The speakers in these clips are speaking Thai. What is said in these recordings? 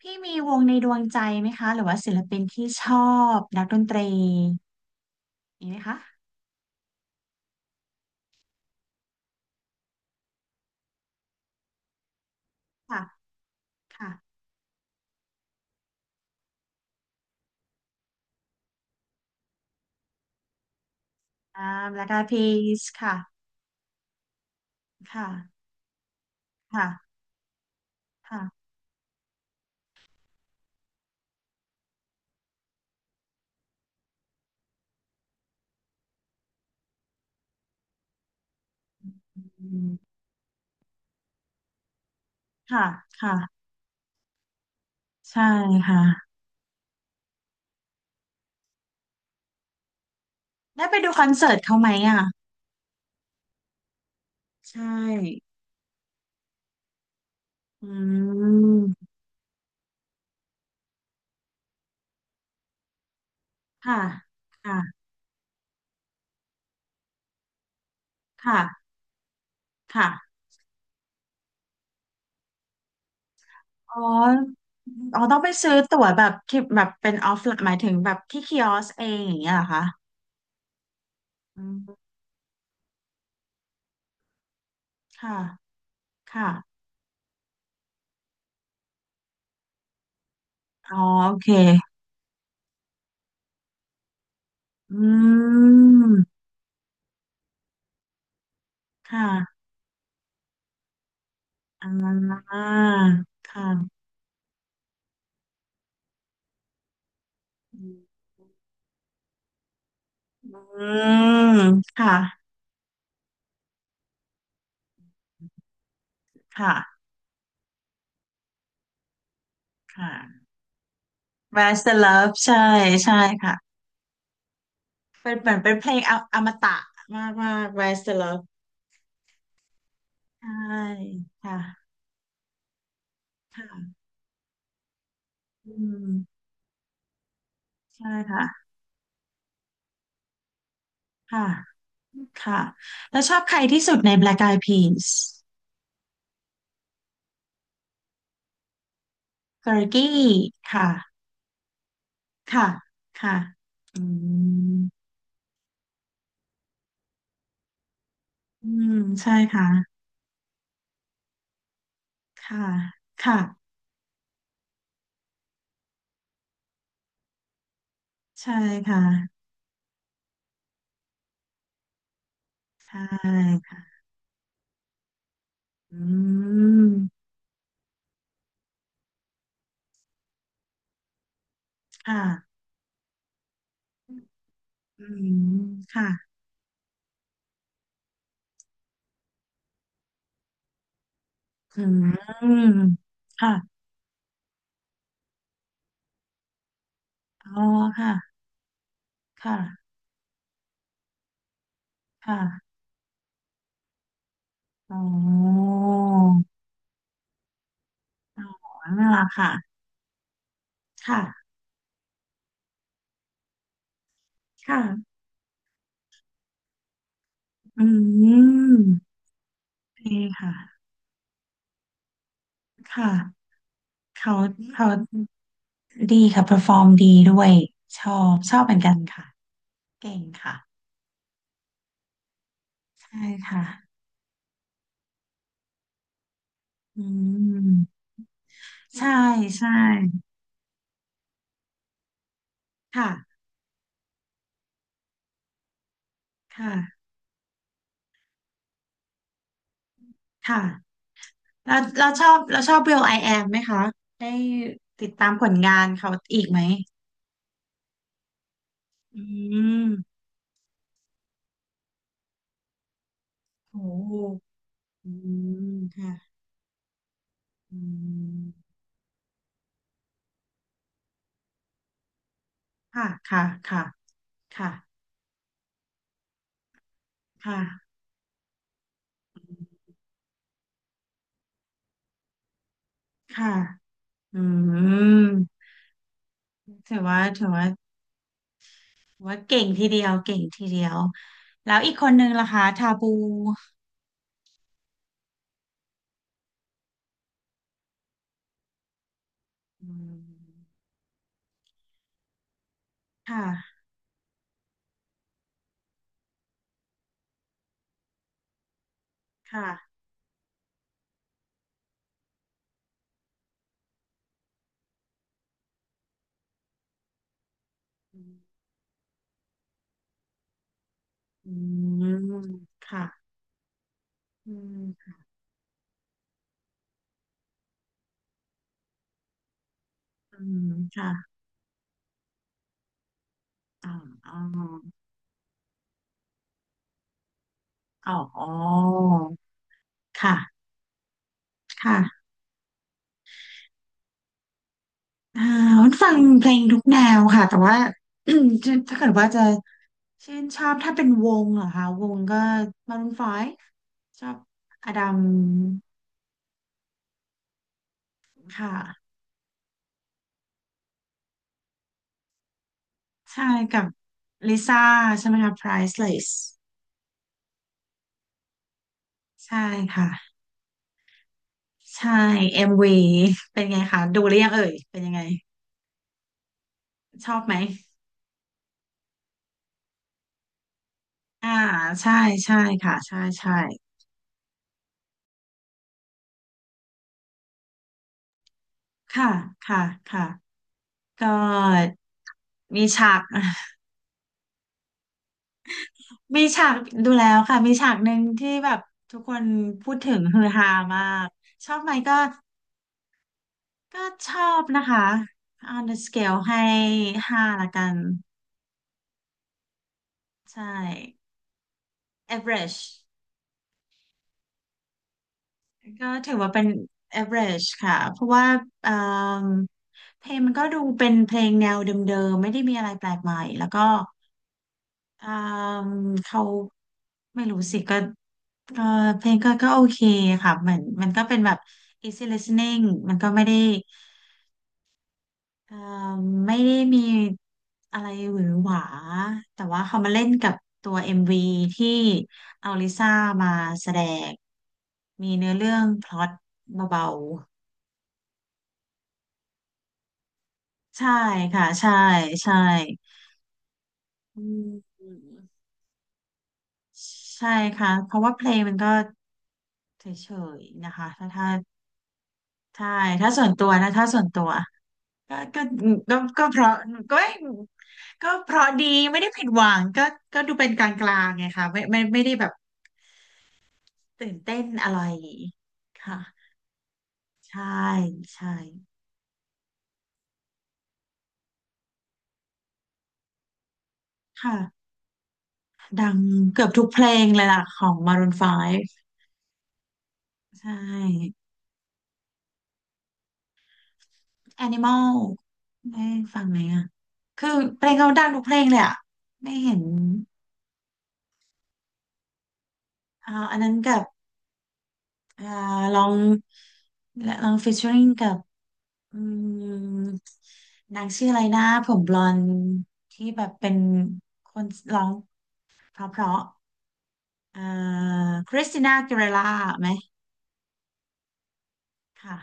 พี่มีวงในดวงใจไหมคะหรือว่าศิลปินที่ชอบนักดนตรีมีไหมคะค่ะค่ะอ่าแบล็กไอพีสค่ะค่ะค่ะค่ะอืมค่ะค่ะใช่ค่ะได้ไปดูคอนเสิร์ตเขาไหมอ่ะใช่อืมค่ะค่ะค่ะค่ะอ๋ออ๋อต้องไปซื้อตั๋วแบบที่แบบเป็นออฟล์หมายถึงแบบที่คิออสเองอย่างเงี้ยเหรอคะอืมค่ะค่ะอ๋อโอเค อืมค่ะอ่าค่ะอืมค่ะค่ะค่ะ Rise the Love ใช่ใช่ค่ะเป็นเหมือนเป็นเพลงออมตะมากมาก Rise the Love ใช่ค่ะค่ะอืมใช่ค่ะค่ะค่ะแล้วชอบใครที่สุดใน Black Eyed Peas เ e อร์กี้ค่ะค่ะค่ะอืมอืมใช่ค่ะค่ะค่ะ ใช่ค่ะใช่อืมค่ะอืมค่ะอืมค่ะอ๋อค่ะค่ะค่ะอ๋ออ๋อนั่นแหละค่ะค่ะค่ะอืมดีค่ะค่ะเขาเขาดีค่ะ p e r f o ฟอร์มดีด้วยชอบชอบเหมือนกันค่ะเก่งค่ะใช่ค่ะอืมใช่ใช่ค่ะค่ะค่ะ เราเราชอบเราชอบ Will I Am ไหมคะได้ติดตามผลงานเขาอีกไหมอืมโอ้อืมค่ะอืมค่ะค่ะค่ะค่ะค่ะค่ะอืมถือว่าถือว่าเก่งทีเดียวเก่งทีเดียวแล้วอีกคนนึงล่ะคะทาบูอืมค่ะค่ะอืมค่ะอืมอืมค่ะอ๋ออ๋ออ๋อ ค่ะค่ะอ่าวุ้นฟังเพลงทุกแนวค่ะแต่ว่า จะถ้าเกิดว่าจะชื่นชอบถ้าเป็นวงเหรอคะวงก็มารูนไฟว์ชอบอดัมค่ะใช่กับลิซ่าใช่ไหมคะ Priceless ใช่ค่ะใช่เอ็มวีเป็นไงคะดูหรือยังเอ่ยเป็นยังไงชอบไหมอ่าใช่ใช่ค่ะใช่ใช่ค่ะค่ะค่ะก็มีฉาก มีฉากดูแล้วค่ะมีฉากหนึ่งที่แบบทุกคนพูดถึงฮือฮามากชอบไหมก็ก็ชอบนะคะ on the scale ให้ห้าละกันใช่ average ก็ถือว่าเป็น average ค่ะเพราะว่าเอ่มเพลงมันก็ดูเป็นเพลงแนวเดิมๆไม่ได้มีอะไรแปลกใหม่แล้วก็เอ่มเขาไม่รู้สิก็ เออเพลงก็ก็โอเคค่ะเหมือนมันก็เป็นแบบ easy listening มันก็ไม่ได้เออไม่ได้มีอะไรหวือหวาแต่ว่าเขามาเล่นกับตัว MV ที่เอาลิซ่ามาแสดงมีเนื้อเรื่องพล็อตเบาๆใช่ค่ะใช่ใช่อืมใช่ค่ะเพราะว่าเพลงมันก็เฉยๆนะคะถ้าใช่ถ้าส่วนตัวนะถ้าส่วนตัว ก็ก็ก็เพราะก็ก็เพราะดีไม่ได้ผิดหวังก็ก็ดูเป็นกลางๆไงค่ะไม่ไม่ได้แบบตื่นเต้นอะไรค่ะใช่ใช่ค่ะดังเกือบทุกเพลงเลยล่ะของ Maroon 5ใช่ Animal ได้ฟังไหมอ่ะคือเพลงเขาดังทุกเพลงเลยอ่ะไม่เห็นอันนั้นกับอ่าลองลอง featuring กับ อืมนางชื่ออะไรนะผมบลอนด์ที่แบบเป็นคนร้องเพราะเพราะเอ่อคริสติน่าอากิเลร่าไหมค่ะ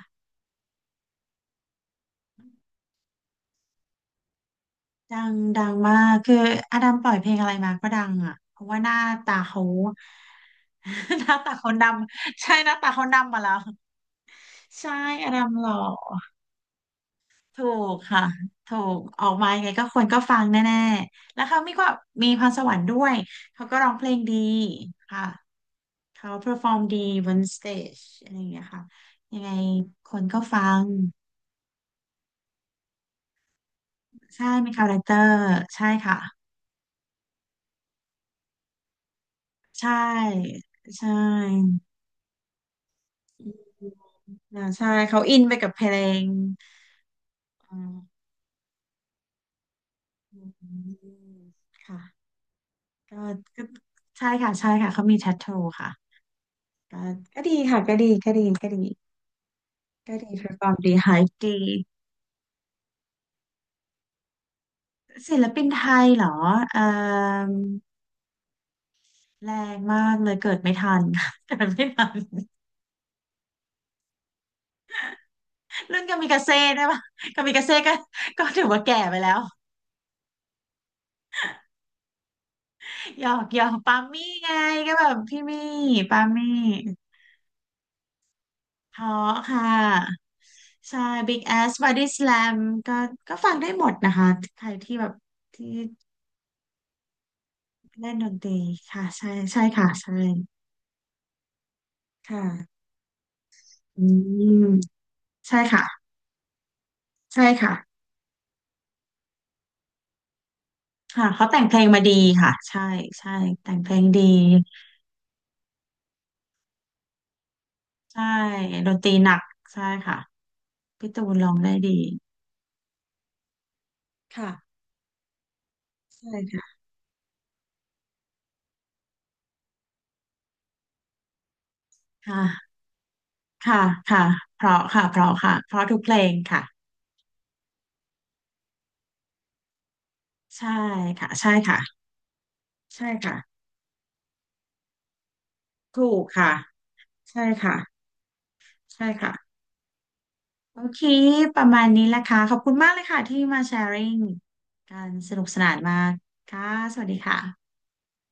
ดังดังมากคืออดัมปล่อยเพลงอะไรมาก็ดังอ่ะเพราะว่าหน้าตาเขา หน้าตาเขาดำใช่หน้าตาเขาดำมาแล้วใช่อดัมหล่อถูกค่ะถูกออกมายังไงก็คนก็ฟังแน่ๆแล้วเขามีก็มีพรสวรรค์ด้วยเขาก็ร้องเพลงดีค่ะ เขาเ e อร์ฟอร์มดีบนสเตจอะไรอย่างเงี้ยค่ะยังไงคนก็ฟังใช่มีคาแรคเตอร์ใช่ค่ะใช่ใช่อืมใช่เขาอินไปกับเพลงอ่าอืมค่ะก็ก็ใช่ค่ะใช่ค่ะเขามีแทททูค่ะก็ก็ดีค่ะก็ดีก็ดีก็ดีก็ดีเพอร์ฟอร์มดีไฮดีศิลปินไทยเหรอเอ่อแรงมากเลยเกิดไม่ทัน เกิดไม่ทัน รุ่นกามิกาเซ่ด้วยป่ะกามิกาเซ่ก็ก็ถือว่าแก่ไปแล้วหยอกหยอกปามี่ไงก็แบบพี่มี่ปามี่ท้อค่ะใช่ Big Ass Body Slam ก็ก็ฟังได้หมดนะคะใครที่แบบที่เล่นดนตรีค่ะใช่ใช่ค่ะใช่ค่ะอืมใช่ค่ะใช่ค่ะค่ะเขาแต่งเพลงมาดีค่ะใช่ใช่แต่งเพลงดีใช่ดนตรีหนักใช่ค่ะพี่ตูนร้องได้ดีค่ะ ใช่ค่ะค่ะค่ะค่ะเพราะค่ะ เพราะค่ะ เพราะทุกเพลงค่ะ ใช่ค่ะ ใช่ค่ะใช่ค่ะถูกค่ะใช่ค่ะ ใช่ค่ะโอเคประมาณนี้แหละค่ะ ขอบคุณมากเลยค่ะที่มาแชร์ริ่งการสนุกสนานมากค่ะ สวัสดีค่ะ